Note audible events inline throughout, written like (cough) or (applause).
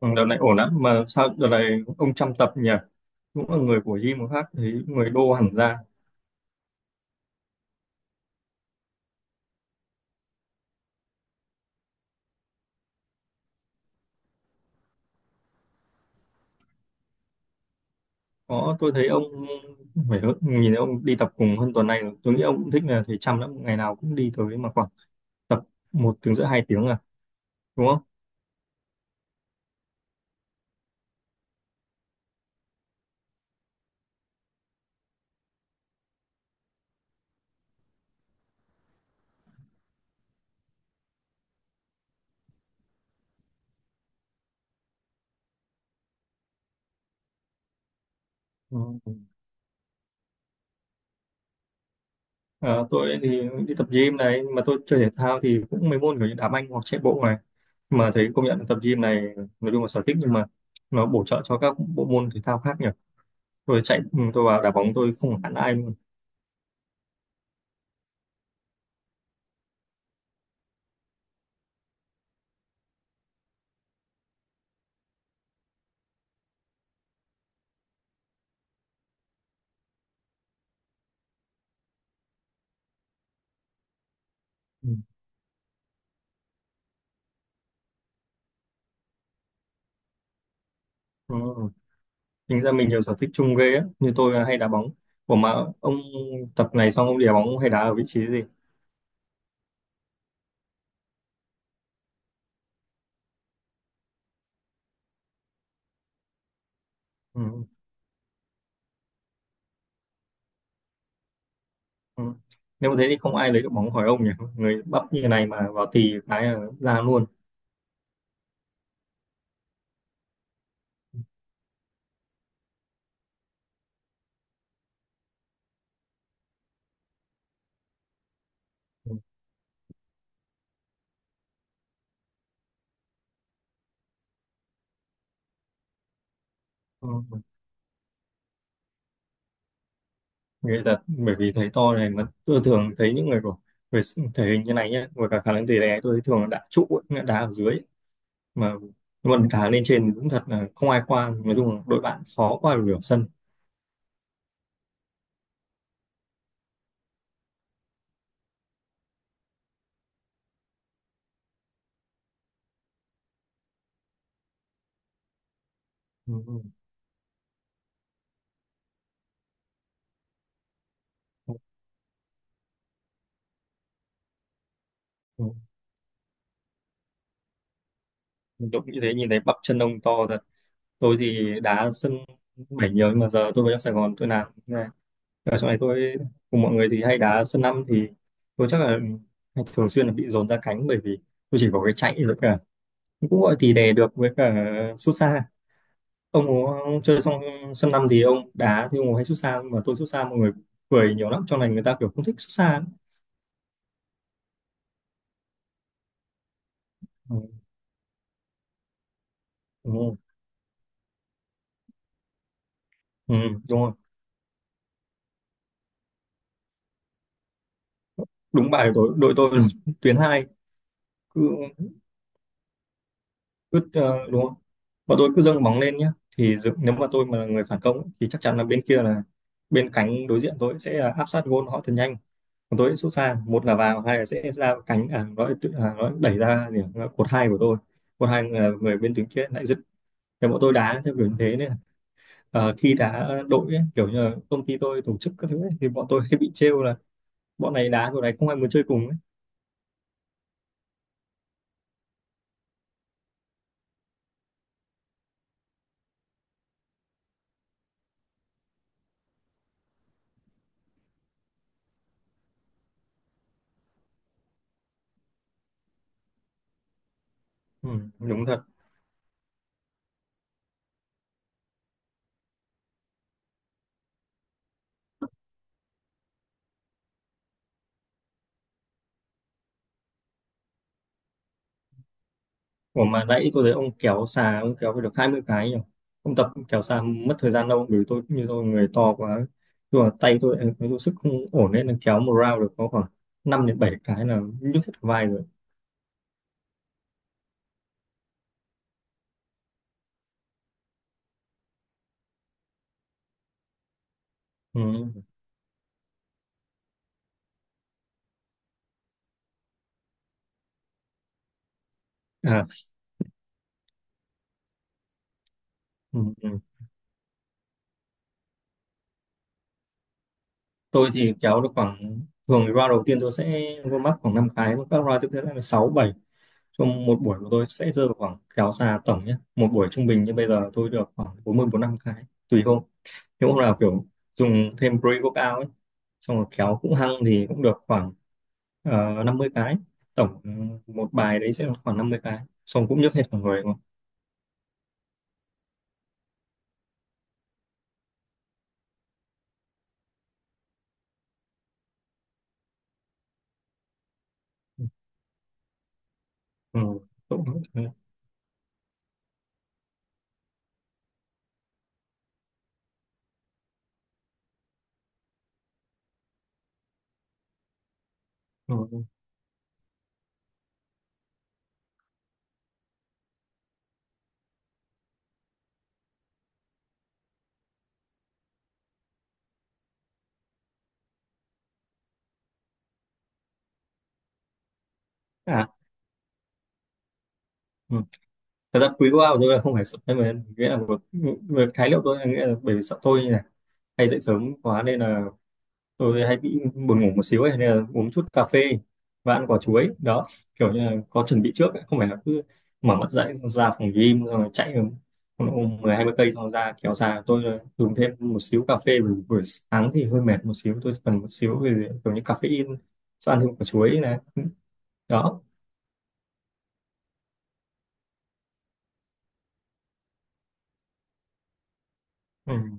Ừ, đợt này ổn lắm mà sao đợt này ông chăm tập nhỉ, cũng là người của gym mà khác thấy người đô hẳn ra. Có, tôi thấy ông nhìn thấy ông đi tập cùng hơn tuần này rồi. Tôi nghĩ ông cũng thích là thầy chăm lắm, ngày nào cũng đi tới mà khoảng tập một tiếng rưỡi hai tiếng à, đúng không? Ừ. Ờ, tôi thì đi tập gym này, nhưng mà tôi chơi thể thao thì cũng mấy môn kiểu như đá banh hoặc chạy bộ này, mà thấy công nhận là tập gym này, nói chung là sở thích, nhưng mà nó bổ trợ cho các bộ môn thể thao khác nhỉ. Tôi chạy ừ, tôi vào đá bóng tôi không hẳn ai luôn. Ừ. Ừ. Tính ra mình nhiều sở thích chung ghê á, như tôi là hay đá bóng. Ủa mà ông tập này xong ông đi đá bóng ông hay đá ở vị trí gì? Ừ. Ừ. Nếu mà thế thì không ai lấy được bóng khỏi ông nhỉ? Người bắp như này mà vào tì cái là ra luôn. Ừ. Ừ. Người thật, bởi vì thấy to này mà tôi thường thấy những người của thể hình như này nhá, với cả khả năng tì đè tôi thấy thường là đá trụ, ấy, nghĩa là đá ở dưới ấy. Mà nhưng mà đá lên trên thì cũng thật là không ai qua, nói chung là đội bạn khó qua được nửa sân. Ừ. Ừ. Ừ. Đội như thế nhìn thấy bắp chân ông to thật. Tôi thì đá sân bảy nhiều, nhưng mà giờ tôi về trong Sài Gòn tôi làm như này, ở trong này tôi cùng mọi người thì hay đá sân năm, thì tôi chắc là thường xuyên là bị dồn ra cánh, bởi vì tôi chỉ có cái chạy rồi cả cũng gọi thì đè được với cả sút xa. Ông có chơi xong sân năm thì ông đá thì ông có hay sút xa, nhưng mà tôi sút xa mọi người cười nhiều lắm, trong này người ta kiểu không thích sút xa lắm. Ừ, ừ, ừ, đúng rồi, đúng bài của tôi đội tôi (laughs) tuyến hai. Cứ cứ ờ, đúng không, bọn tôi cứ dâng bóng lên nhá, thì dự, nếu mà tôi mà là người phản công ấy, thì chắc chắn là bên kia là bên cánh đối diện tôi sẽ là áp sát gôn họ thật nhanh. Còn tôi sẽ sút xa, một là vào, hai là sẽ ra cánh à, nó đẩy ra gì nhỉ? Cột hai của tôi, cột hai là người bên tuyến kia lại dứt, thì bọn tôi đá theo kiểu như thế nên khi đá đội ấy, kiểu như là công ty tôi tổ chức các thứ ấy, thì bọn tôi (laughs) hay bị trêu là bọn này đá bọn này không ai muốn chơi cùng ấy. Ừ, đúng thật. Ủa mà nãy tôi thấy ông kéo xà, ông kéo phải được 20 cái nhỉ? Ông tập kéo xà mất thời gian đâu, bởi vì tôi như tôi người to quá. Nhưng mà tay tôi, tôi sức không ổn nên là kéo một round được có khoảng 5 đến 7 cái là nhức hết cả vai rồi. Ừ. À, ừ. Ừ. Tôi thì kéo được khoảng, thường thì round đầu tiên tôi sẽ vô mắc khoảng 5 cái, các round tiếp theo là 6, bảy. Trong một buổi của tôi sẽ rơi vào khoảng kéo xà tổng nhé. Một buổi trung bình như bây giờ tôi được khoảng 40, 45 cái, tùy hôm. Nếu hôm nào kiểu dùng thêm pre-workout ấy, xong rồi kéo cũng hăng thì cũng được khoảng 50 cái. Tổng một bài đấy sẽ là khoảng 50 cái. Xong cũng nhức hết cả người luôn. Ừ. Cũng, ừ. Ừ. À, ừ. Thật ra pre-workout của tôi là không phải supplement, nghĩa là một khái niệm tôi là nghĩa là bởi vì sợ tôi như này hay dậy sớm quá nên là tôi hay bị buồn ngủ một xíu ấy nên là uống chút cà phê và ăn quả chuối đó, kiểu như là có chuẩn bị trước ấy. Không phải là cứ mở mắt dậy xong ra phòng gym xong rồi chạy ôm 10 20 cây xong rồi ra kéo ra, tôi là dùng thêm một xíu cà phê buổi, buổi sáng thì hơi mệt một xíu, tôi cần một xíu về kiểu như caffeine, sau ăn thêm quả chuối này đó. Ừ.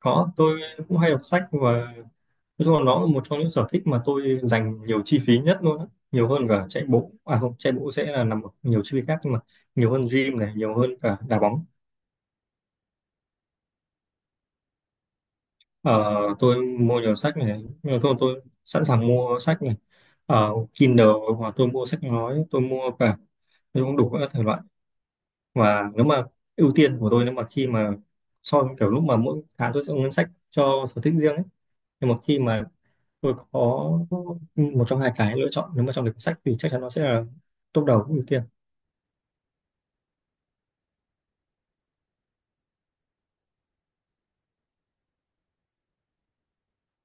Có, tôi cũng hay đọc sách. Và nói chung là nó là một trong những sở thích mà tôi dành nhiều chi phí nhất luôn á. Nhiều hơn cả chạy bộ. À không, chạy bộ sẽ là nằm ở nhiều chi phí khác, nhưng mà nhiều hơn gym này, nhiều hơn cả đá bóng. Ờ, tôi mua nhiều sách này, nhưng mà thôi tôi sẵn sàng mua sách này. Ờ, Kindle hoặc tôi mua sách nói, tôi mua cả, tôi cũng đủ các thể loại. Và nếu mà ưu tiên của tôi nếu mà khi mà so với kiểu lúc mà mỗi tháng tôi sẽ có ngân sách cho sở thích riêng ấy. Nhưng mà khi mà tôi có một trong hai cái lựa chọn, nếu mà trong lịch sách thì chắc chắn nó sẽ là top đầu ưu tiên.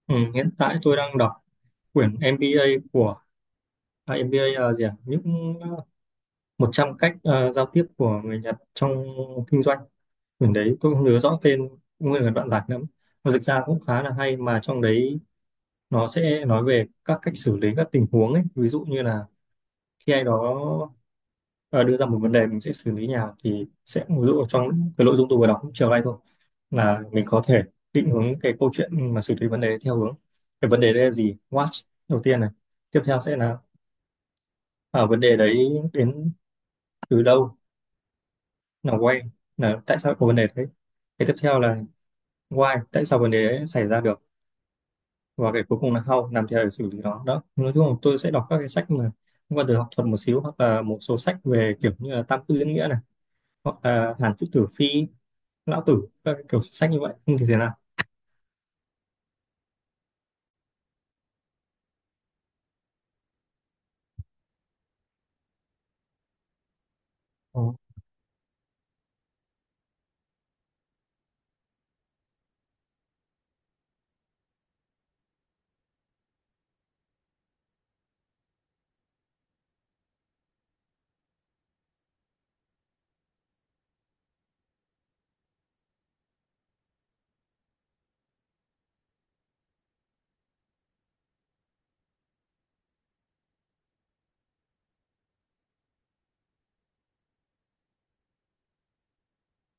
Ừ, hiện tại tôi đang đọc quyển MBA của à, MBA là gì à? Những 100 cách giao tiếp của người Nhật trong kinh doanh. Quyển đấy tôi không nhớ rõ tên nguyên là đoạn giải lắm, nó dịch ra cũng khá là hay. Mà trong đấy nó sẽ nói về các cách xử lý các tình huống ấy, ví dụ như là khi ai đó đưa ra một vấn đề mình sẽ xử lý như nào, thì sẽ ví dụ trong cái nội dung tôi vừa đọc chiều nay thôi là mình có thể định hướng cái câu chuyện mà xử lý vấn đề theo hướng cái vấn đề đấy là gì, watch đầu tiên này, tiếp theo sẽ là à, vấn đề đấy đến từ đâu, là why là tại sao có vấn đề đấy, cái tiếp theo là why tại sao vấn đề đấy xảy ra được, và cái cuối cùng là how làm thế nào để xử lý nó. Đó, nói chung là tôi sẽ đọc các cái sách mà liên quan tới học thuật một xíu, hoặc là một số sách về kiểu như là tam quốc diễn nghĩa này, hoặc là Hàn Quốc Tử Phi, lão tử, các cái kiểu sách như vậy. Không thì thế nào. Ừ.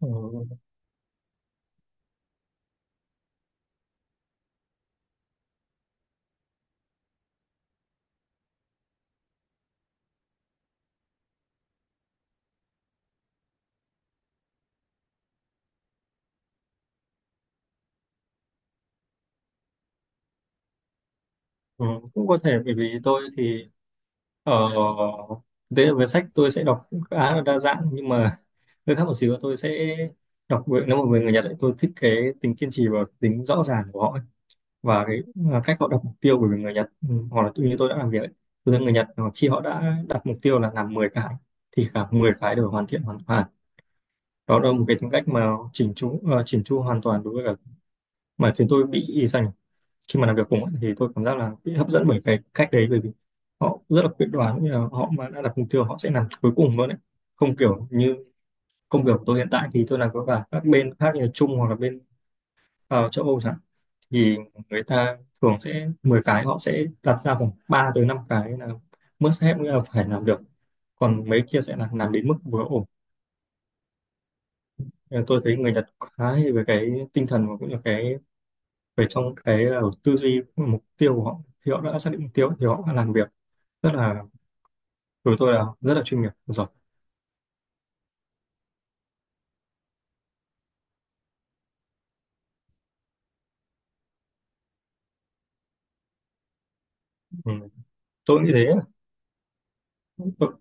Ừ. Ừ, cũng có thể, bởi vì tôi thì ở thế về sách tôi sẽ đọc cũng khá là đa dạng, nhưng mà hơi khác một xíu là tôi sẽ nếu mà về người Nhật ấy, tôi thích cái tính kiên trì và tính rõ ràng của họ ấy, và cái à, cách họ đặt mục tiêu, bởi vì người Nhật ừ, hoặc là tự như tôi đã làm việc ấy, tôi thấy người Nhật mà khi họ đã đặt mục tiêu là làm 10 cái thì cả 10 cái đều hoàn thiện hoàn toàn. Đó là một cái tính cách mà chỉnh chu chỉnh chu hoàn toàn đối với cả mà chúng tôi bị dành khi mà làm việc cùng ấy, thì tôi cảm giác là bị hấp dẫn bởi cái cách đấy, bởi vì họ rất là quyết đoán, cũng như là họ mà đã đặt mục tiêu họ sẽ làm cuối cùng luôn đấy, không kiểu như công việc của tôi hiện tại thì tôi làm với cả các bên khác như là Trung hoặc là bên châu Âu chẳng hạn. Thì người ta thường sẽ 10 cái họ sẽ đặt ra khoảng 3 tới 5 cái là must have, nghĩa là phải làm được, còn mấy kia sẽ là làm đến mức vừa ổn. Nên là tôi thấy người Nhật khá hay về cái tinh thần và cũng như cái về trong cái tư duy mục tiêu của họ, khi họ đã xác định mục tiêu thì họ đã làm việc rất là, của tôi là rất là chuyên nghiệp rồi. Ừ. Tôi cũng như thế. Ừ,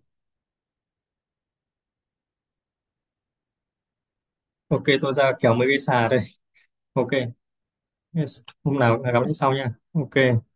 ok tôi ra kéo mấy cái xà đây. Ok. Yes. Hôm nào cũng là gặp lại sau nha. Ok.